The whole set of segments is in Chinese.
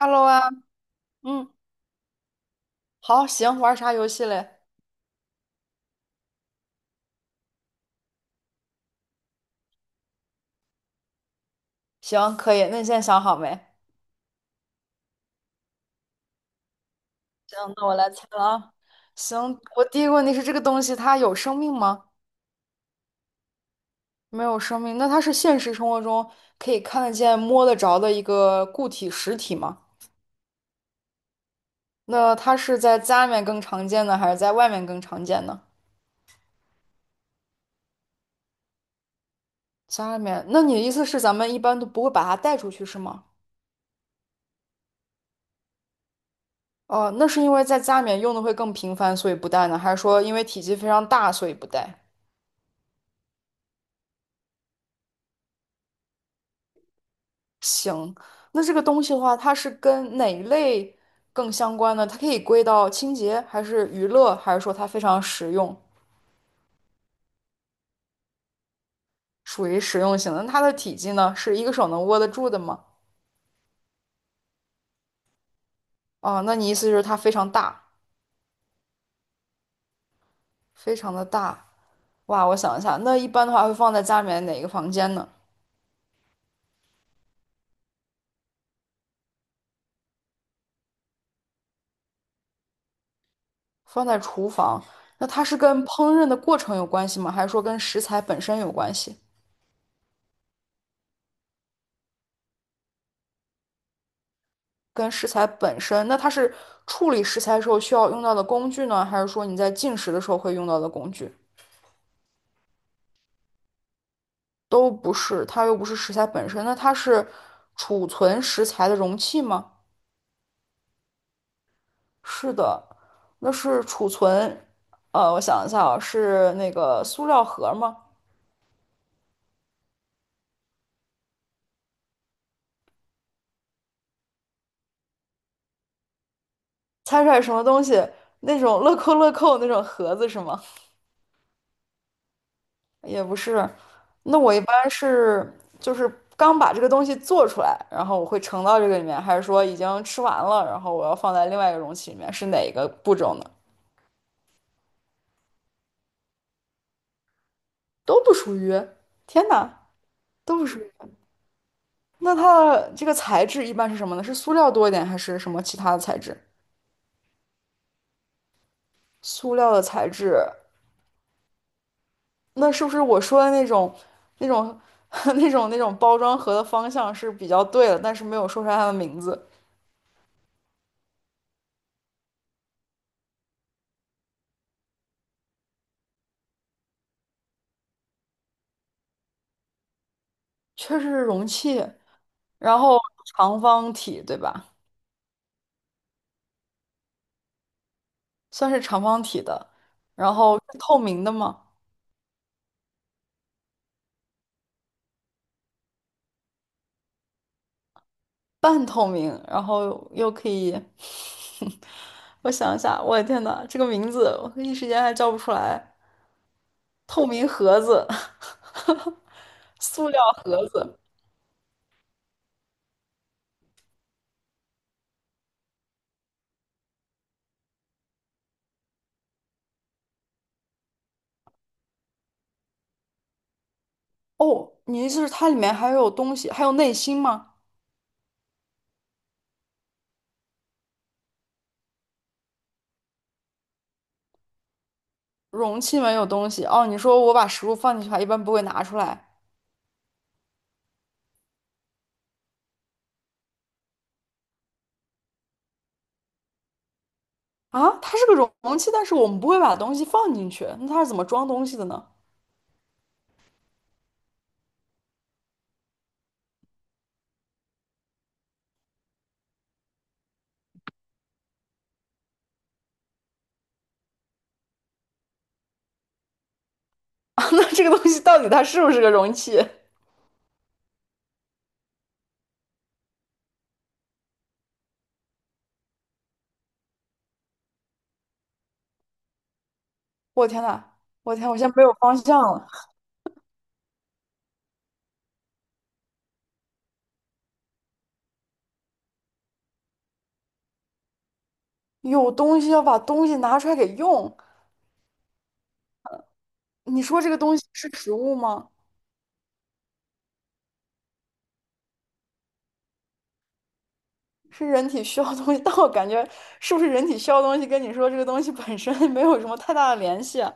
Hello 啊。嗯，好，行，玩啥游戏嘞？行，可以，那你现在想好没？行，那我来猜了啊。行，我第一个问题是这个东西它有生命吗？没有生命，那它是现实生活中可以看得见、摸得着的一个固体实体吗？那它是在家里面更常见呢，还是在外面更常见呢？家里面，那你的意思是咱们一般都不会把它带出去是吗？哦，那是因为在家里面用的会更频繁，所以不带呢，还是说因为体积非常大，所以不带？行，那这个东西的话，它是跟哪一类更相关呢？它可以归到清洁，还是娱乐，还是说它非常实用，属于实用型的？那它的体积呢，是一个手能握得住的吗？哦，那你意思就是它非常大，非常的大。哇，我想一下，那一般的话会放在家里面哪个房间呢？放在厨房。那它是跟烹饪的过程有关系吗？还是说跟食材本身有关系？跟食材本身，那它是处理食材时候需要用到的工具呢，还是说你在进食的时候会用到的工具？都不是，它又不是食材本身，那它是储存食材的容器吗？是的，那是储存。我想一下啊，是那个塑料盒吗？猜出来什么东西？那种乐扣乐扣那种盒子是吗？也不是，那我一般是就是刚把这个东西做出来，然后我会盛到这个里面，还是说已经吃完了，然后我要放在另外一个容器里面，是哪个步骤呢？都不属于。天哪，都不属于。那它的这个材质一般是什么呢？是塑料多一点，还是什么其他的材质？塑料的材质，那是不是我说的那种、那种、那种、那种包装盒的方向是比较对的，但是没有说出来它的名字？确实是容器，然后长方体，对吧？算是长方体的，然后是透明的吗？半透明，然后又可以，我想一下，我的天呐，这个名字我一时间还叫不出来。透明盒子，塑料盒子。哦，你意思是它里面还有东西，还有内心吗？容器没有东西。哦，你说我把食物放进去，它一般不会拿出来。啊，它是个容器，但是我们不会把东西放进去，那它是怎么装东西的呢？啊，那这个东西到底它是不是个容器？我天呐，我天，我现在没有方向了。有东西要把东西拿出来给用，你说这个东西是食物吗？是人体需要的东西，但我感觉是不是人体需要的东西跟你说这个东西本身没有什么太大的联系啊。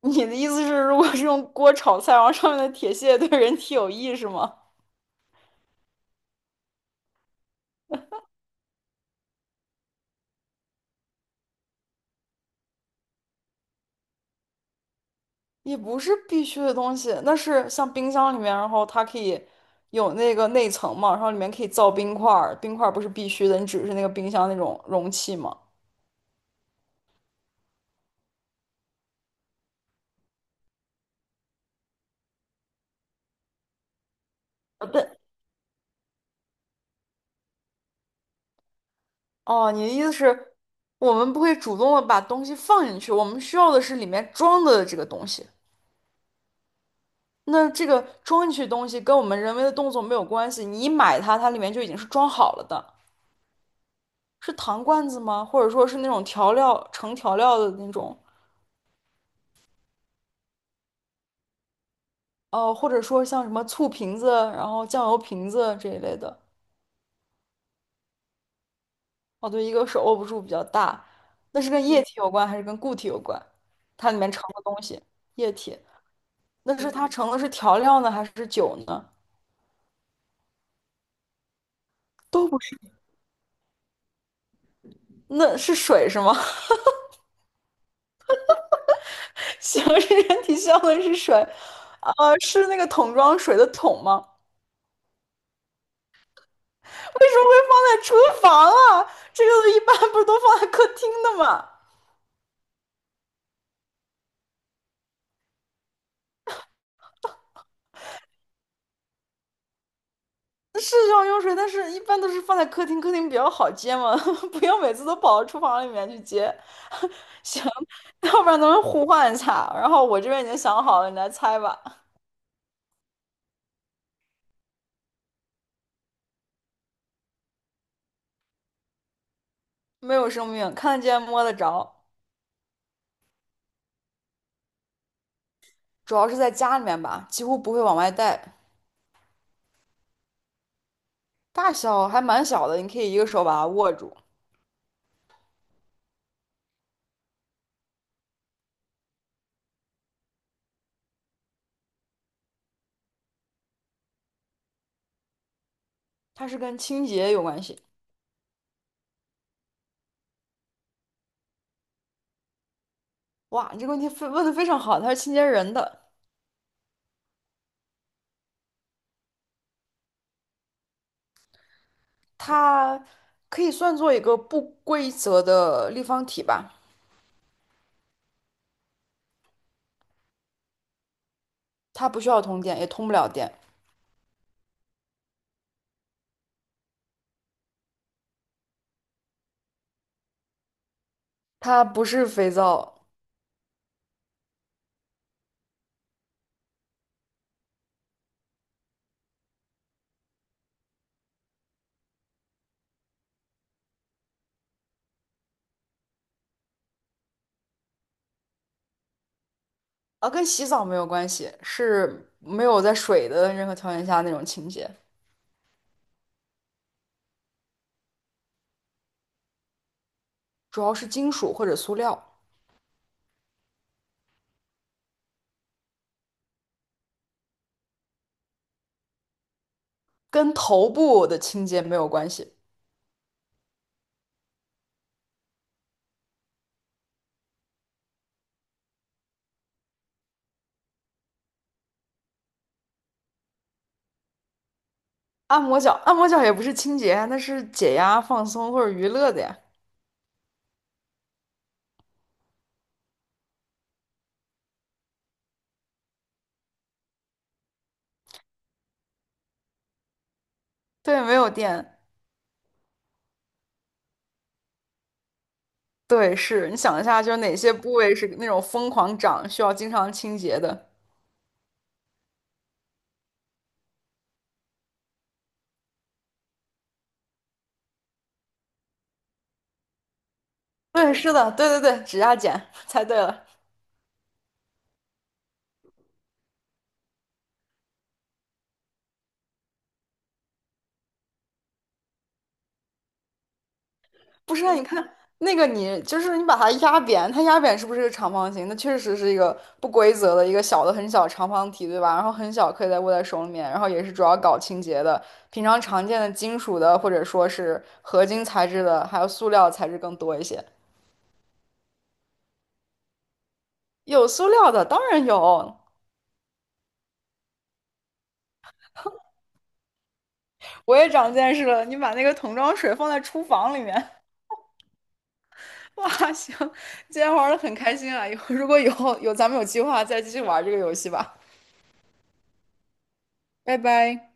你的意思是，如果是用锅炒菜，然后上面的铁屑对人体有益是吗？也不是必须的东西，那是像冰箱里面，然后它可以有那个内层嘛，然后里面可以造冰块儿，冰块儿不是必须的，你只是那个冰箱那种容器嘛。对，哦，你的意思是，我们不会主动的把东西放进去，我们需要的是里面装的这个东西。那这个装进去的东西跟我们人为的动作没有关系，你一买它，它里面就已经是装好了的，是糖罐子吗？或者说是那种调料盛调料的那种？哦，或者说像什么醋瓶子，然后酱油瓶子这一类的。哦，对，一个是握不住比较大，那是跟液体有关还是跟固体有关？它里面盛的东西，液体，那是它盛的是调料呢，还是酒呢？都不是，那是水是吗？行，是人体需要的是水。是那个桶装水的桶吗？为什么会放在厨房啊？这个一般不是都放在客厅的吗？是要用水，但是一般都是放在客厅，客厅比较好接嘛，不要每次都跑到厨房里面去接。行，要不然咱们互换一下。然后我这边已经想好了，你来猜吧。没有生命，看得见摸得着，主要是在家里面吧，几乎不会往外带，大小还蛮小的，你可以一个手把它握住。它是跟清洁有关系。哇，你这个问题非问的非常好，它是清洁人的，它可以算作一个不规则的立方体吧。它不需要通电，也通不了电。它不是肥皂啊，跟洗澡没有关系，是没有在水的任何条件下那种清洁，主要是金属或者塑料，跟头部的清洁没有关系。按摩脚，按摩脚也不是清洁啊，那是解压、放松或者娱乐的呀。对，没有电。对，是你想一下，就是哪些部位是那种疯狂长，需要经常清洁的？对，是的，对对对，指甲剪，猜对了。不是啊，你看那个你，就是你把它压扁，它压扁是不是一个长方形？那确实是一个不规则的一个小的很小的长方体，对吧？然后很小，可以在握在手里面，然后也是主要搞清洁的。平常常见的金属的，或者说是合金材质的，还有塑料材质更多一些。有塑料的，当然有。我也长见识了，你把那个桶装水放在厨房里面，哇，行，今天玩的很开心啊！以后如果以后有咱们有计划，再继续玩这个游戏吧。拜拜。